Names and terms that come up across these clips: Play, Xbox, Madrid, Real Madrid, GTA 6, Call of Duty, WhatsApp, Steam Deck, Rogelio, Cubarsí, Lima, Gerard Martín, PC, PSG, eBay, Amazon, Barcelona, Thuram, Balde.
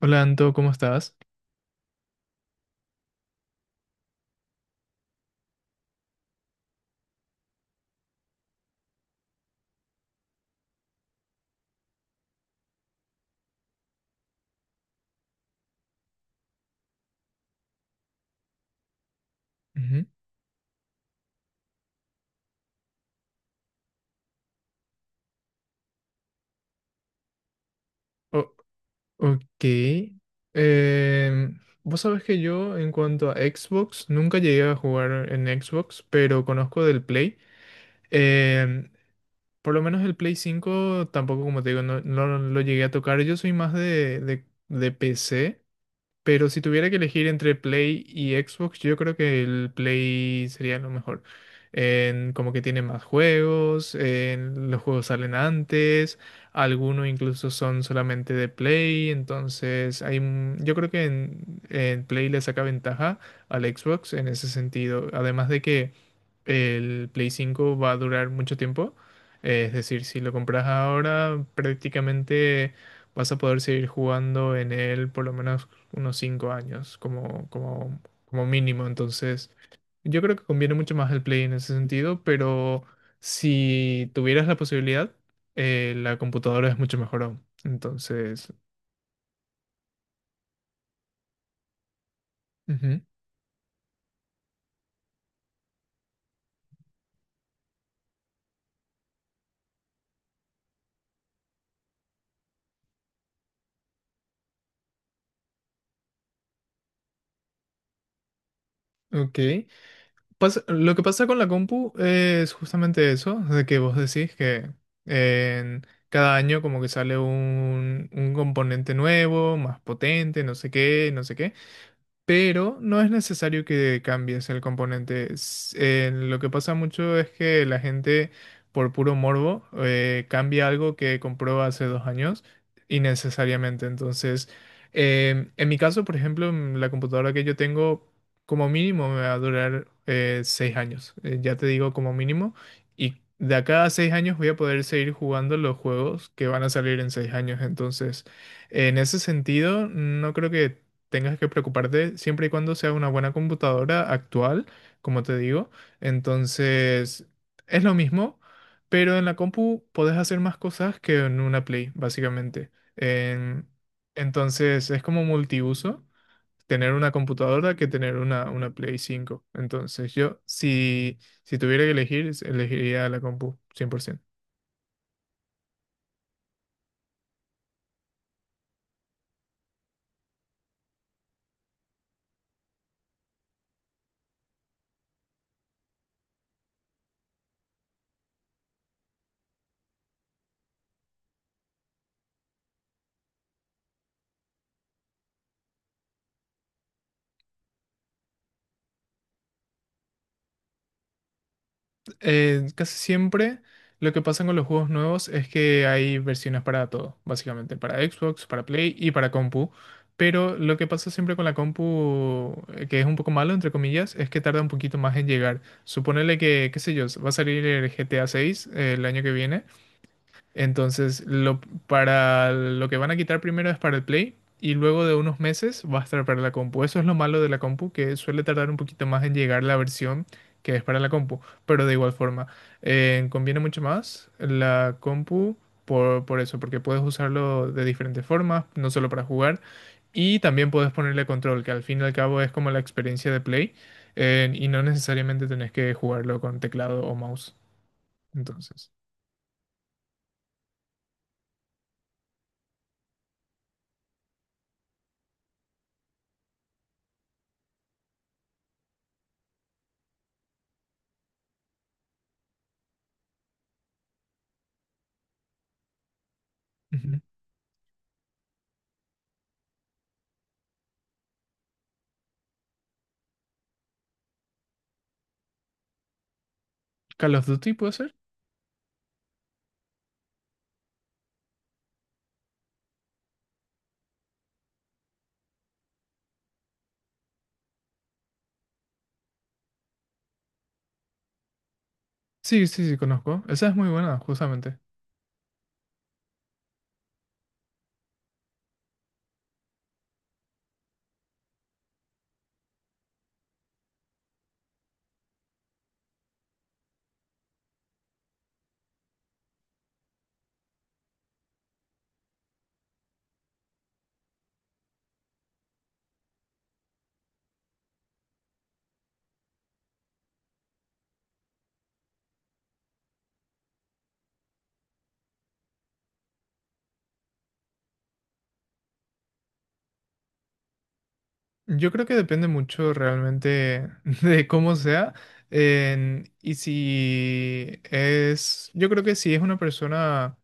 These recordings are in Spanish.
Hola Anto, ¿cómo estás? Ujú. O- ok. Vos sabés que yo en cuanto a Xbox, nunca llegué a jugar en Xbox, pero conozco del Play. Em, por lo menos el Play 5 tampoco, como te digo, no lo llegué a tocar. Yo soy más de PC. Pero si tuviera que elegir entre Play y Xbox, yo creo que el Play sería lo mejor. Como que tiene más juegos, los juegos salen antes, algunos incluso son solamente de Play, entonces yo creo que en Play le saca ventaja al Xbox en ese sentido. Además de que el Play 5 va a durar mucho tiempo, es decir, si lo compras ahora, prácticamente vas a poder seguir jugando en él por lo menos unos cinco años como mínimo. Entonces, yo creo que conviene mucho más el Play en ese sentido, pero si tuvieras la posibilidad, la computadora es mucho mejor aún. Entonces, ujú, ok. Pasa- lo que pasa con la compu es justamente eso, de que vos decís que en cada año como que sale un componente nuevo, más potente, no sé qué, no sé qué. Pero no es necesario que cambies el componente. Lo que pasa mucho es que la gente, por puro morbo, cambia algo que compró hace dos años innecesariamente. Entonces, en mi caso, por ejemplo, la computadora que yo tengo, como mínimo me va a durar seis años. Ya te digo, como mínimo. Y de acá a seis años voy a poder seguir jugando los juegos que van a salir en seis años. Entonces, en ese sentido, no creo que tengas que preocuparte siempre y cuando sea una buena computadora actual, como te digo. Entonces, es lo mismo, pero en la compu podés hacer más cosas que en una Play, básicamente. En- entonces, es como multiuso tener una computadora que tener una Play cinco. Entonces, yo, si tuviera que elegir, elegiría la compu, cien por ciento. Casi siempre lo que pasa con los juegos nuevos es que hay versiones para todo, básicamente, para Xbox, para Play y para compu. Pero lo que pasa siempre con la compu, que es un poco malo, entre comillas, es que tarda un poquito más en llegar. Suponele que, qué sé yo, va a salir el GTA 6 el año que viene. Entonces, para lo que van a quitar primero es para el Play y luego de unos meses va a estar para la compu. Eso es lo malo de la compu, que suele tardar un poquito más en llegar la versión que es para la compu, pero de igual forma, conviene mucho más la compu por eso, porque puedes usarlo de diferentes formas, no solo para jugar, y también puedes ponerle control, que al fin y al cabo es como la experiencia de Play, y no necesariamente tenés que jugarlo con teclado o mouse. Entonces, ujú. Call of Duty puede ser. Sí, sí, sí, conozco. Esa es muy buena, justamente. Yo creo que depende mucho realmente de cómo sea. Y si es, yo creo que si es una persona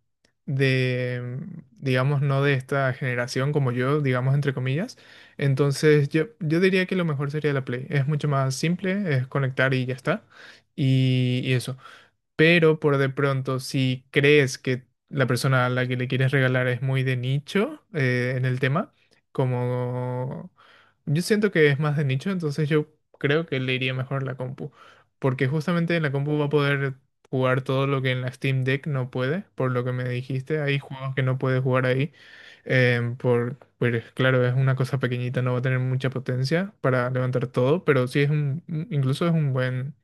de, digamos, no de esta generación como yo, digamos, entre comillas, entonces yo diría que lo mejor sería la Play. Es mucho más simple, es conectar y ya está. Y eso. Pero por de pronto, si crees que la persona a la que le quieres regalar es muy de nicho en el tema, como yo siento que es más de nicho, entonces yo creo que le iría mejor la compu, porque justamente en la compu va a poder jugar todo lo que en la Steam Deck no puede, por lo que me dijiste, hay juegos que no puede jugar ahí, pues claro, es una cosa pequeñita, no va a tener mucha potencia para levantar todo, pero sí es incluso es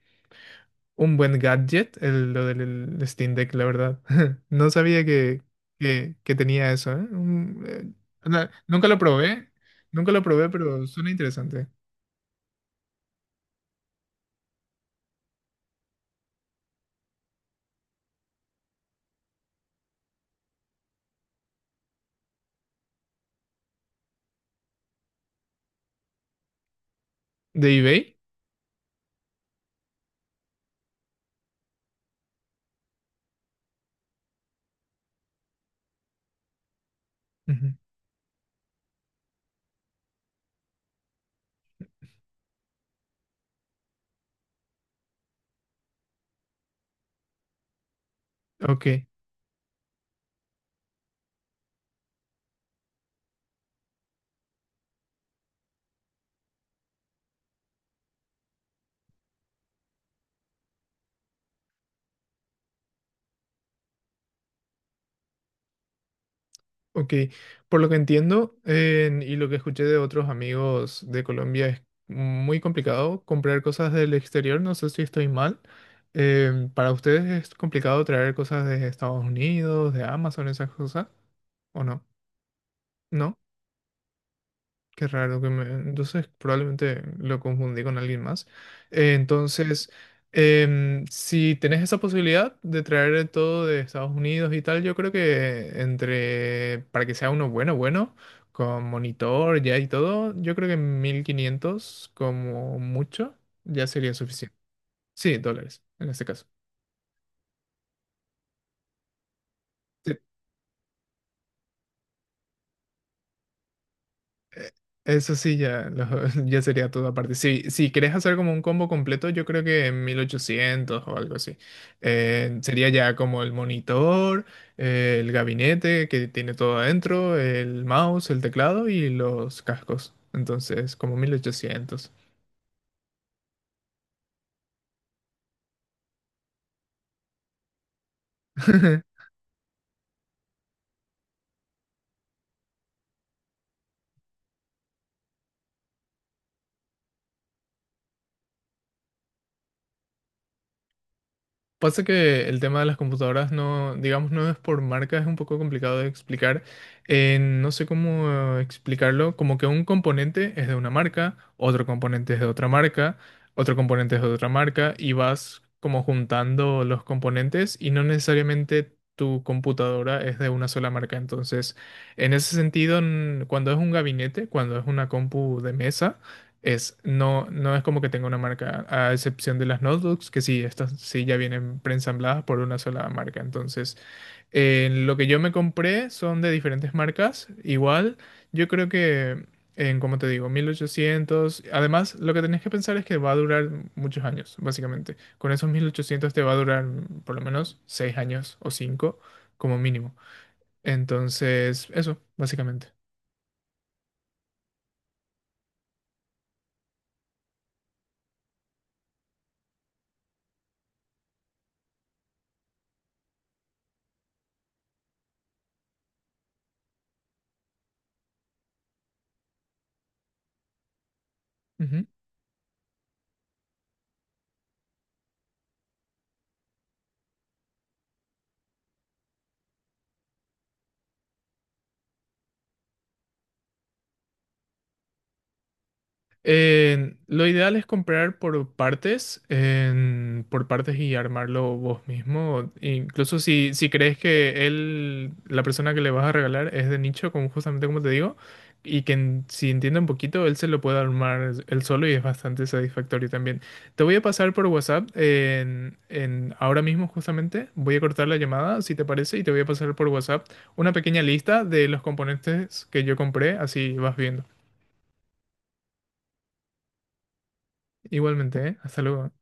un buen gadget, lo del el Steam Deck, la verdad. No sabía que tenía eso, ¿eh? Nunca lo probé, nunca lo probé, pero suena interesante. ¿De eBay? Ujú. Ok, ok. Por lo que entiendo y lo que escuché de otros amigos de Colombia es muy complicado comprar cosas del exterior, no sé si estoy mal. ¿Para ustedes es complicado traer cosas de Estados Unidos, de Amazon, esas cosas? ¿O no? ¿No? Qué raro que me... Entonces probablemente lo confundí con alguien más. Entonces, si tenés esa posibilidad de traer todo de Estados Unidos y tal, yo creo que entre... Para que sea uno bueno, bueno, con monitor ya y todo, yo creo que 1500 como mucho ya sería suficiente. Sí, dólares en este caso. Eso sí, ya sería todo aparte. Si querés hacer como un combo completo, yo creo que en 1800 o algo así. Sería ya como el monitor, el gabinete que tiene todo adentro, el mouse, el teclado y los cascos. Entonces, como 1800. Pasa que el tema de las computadoras no, digamos, no es por marca, es un poco complicado de explicar. No sé cómo explicarlo, como que un componente es de una marca, otro componente es de otra marca, otro componente es de otra marca, y vas como juntando los componentes y no necesariamente tu computadora es de una sola marca. Entonces, en ese sentido, cuando es un gabinete, cuando es una compu de mesa, no, no es como que tenga una marca, a excepción de las notebooks, que sí, estas sí ya vienen preensambladas por una sola marca. Entonces, lo que yo me compré son de diferentes marcas. Igual, yo creo que en, como te digo, 1800. Además, lo que tenés que pensar es que va a durar muchos años, básicamente. Con esos 1800 te va a durar por lo menos 6 años o 5 como mínimo. Entonces, eso, básicamente. Lo ideal es comprar por partes, por partes y armarlo vos mismo. Incluso si, si crees que él, la persona que le vas a regalar es de nicho, como justamente como te digo, y que si entiende un poquito, él se lo puede armar él solo y es bastante satisfactorio también. Te voy a pasar por WhatsApp ahora mismo justamente. Voy a cortar la llamada, si te parece, y te voy a pasar por WhatsApp una pequeña lista de los componentes que yo compré, así vas viendo. Igualmente, ¿eh? Hasta luego.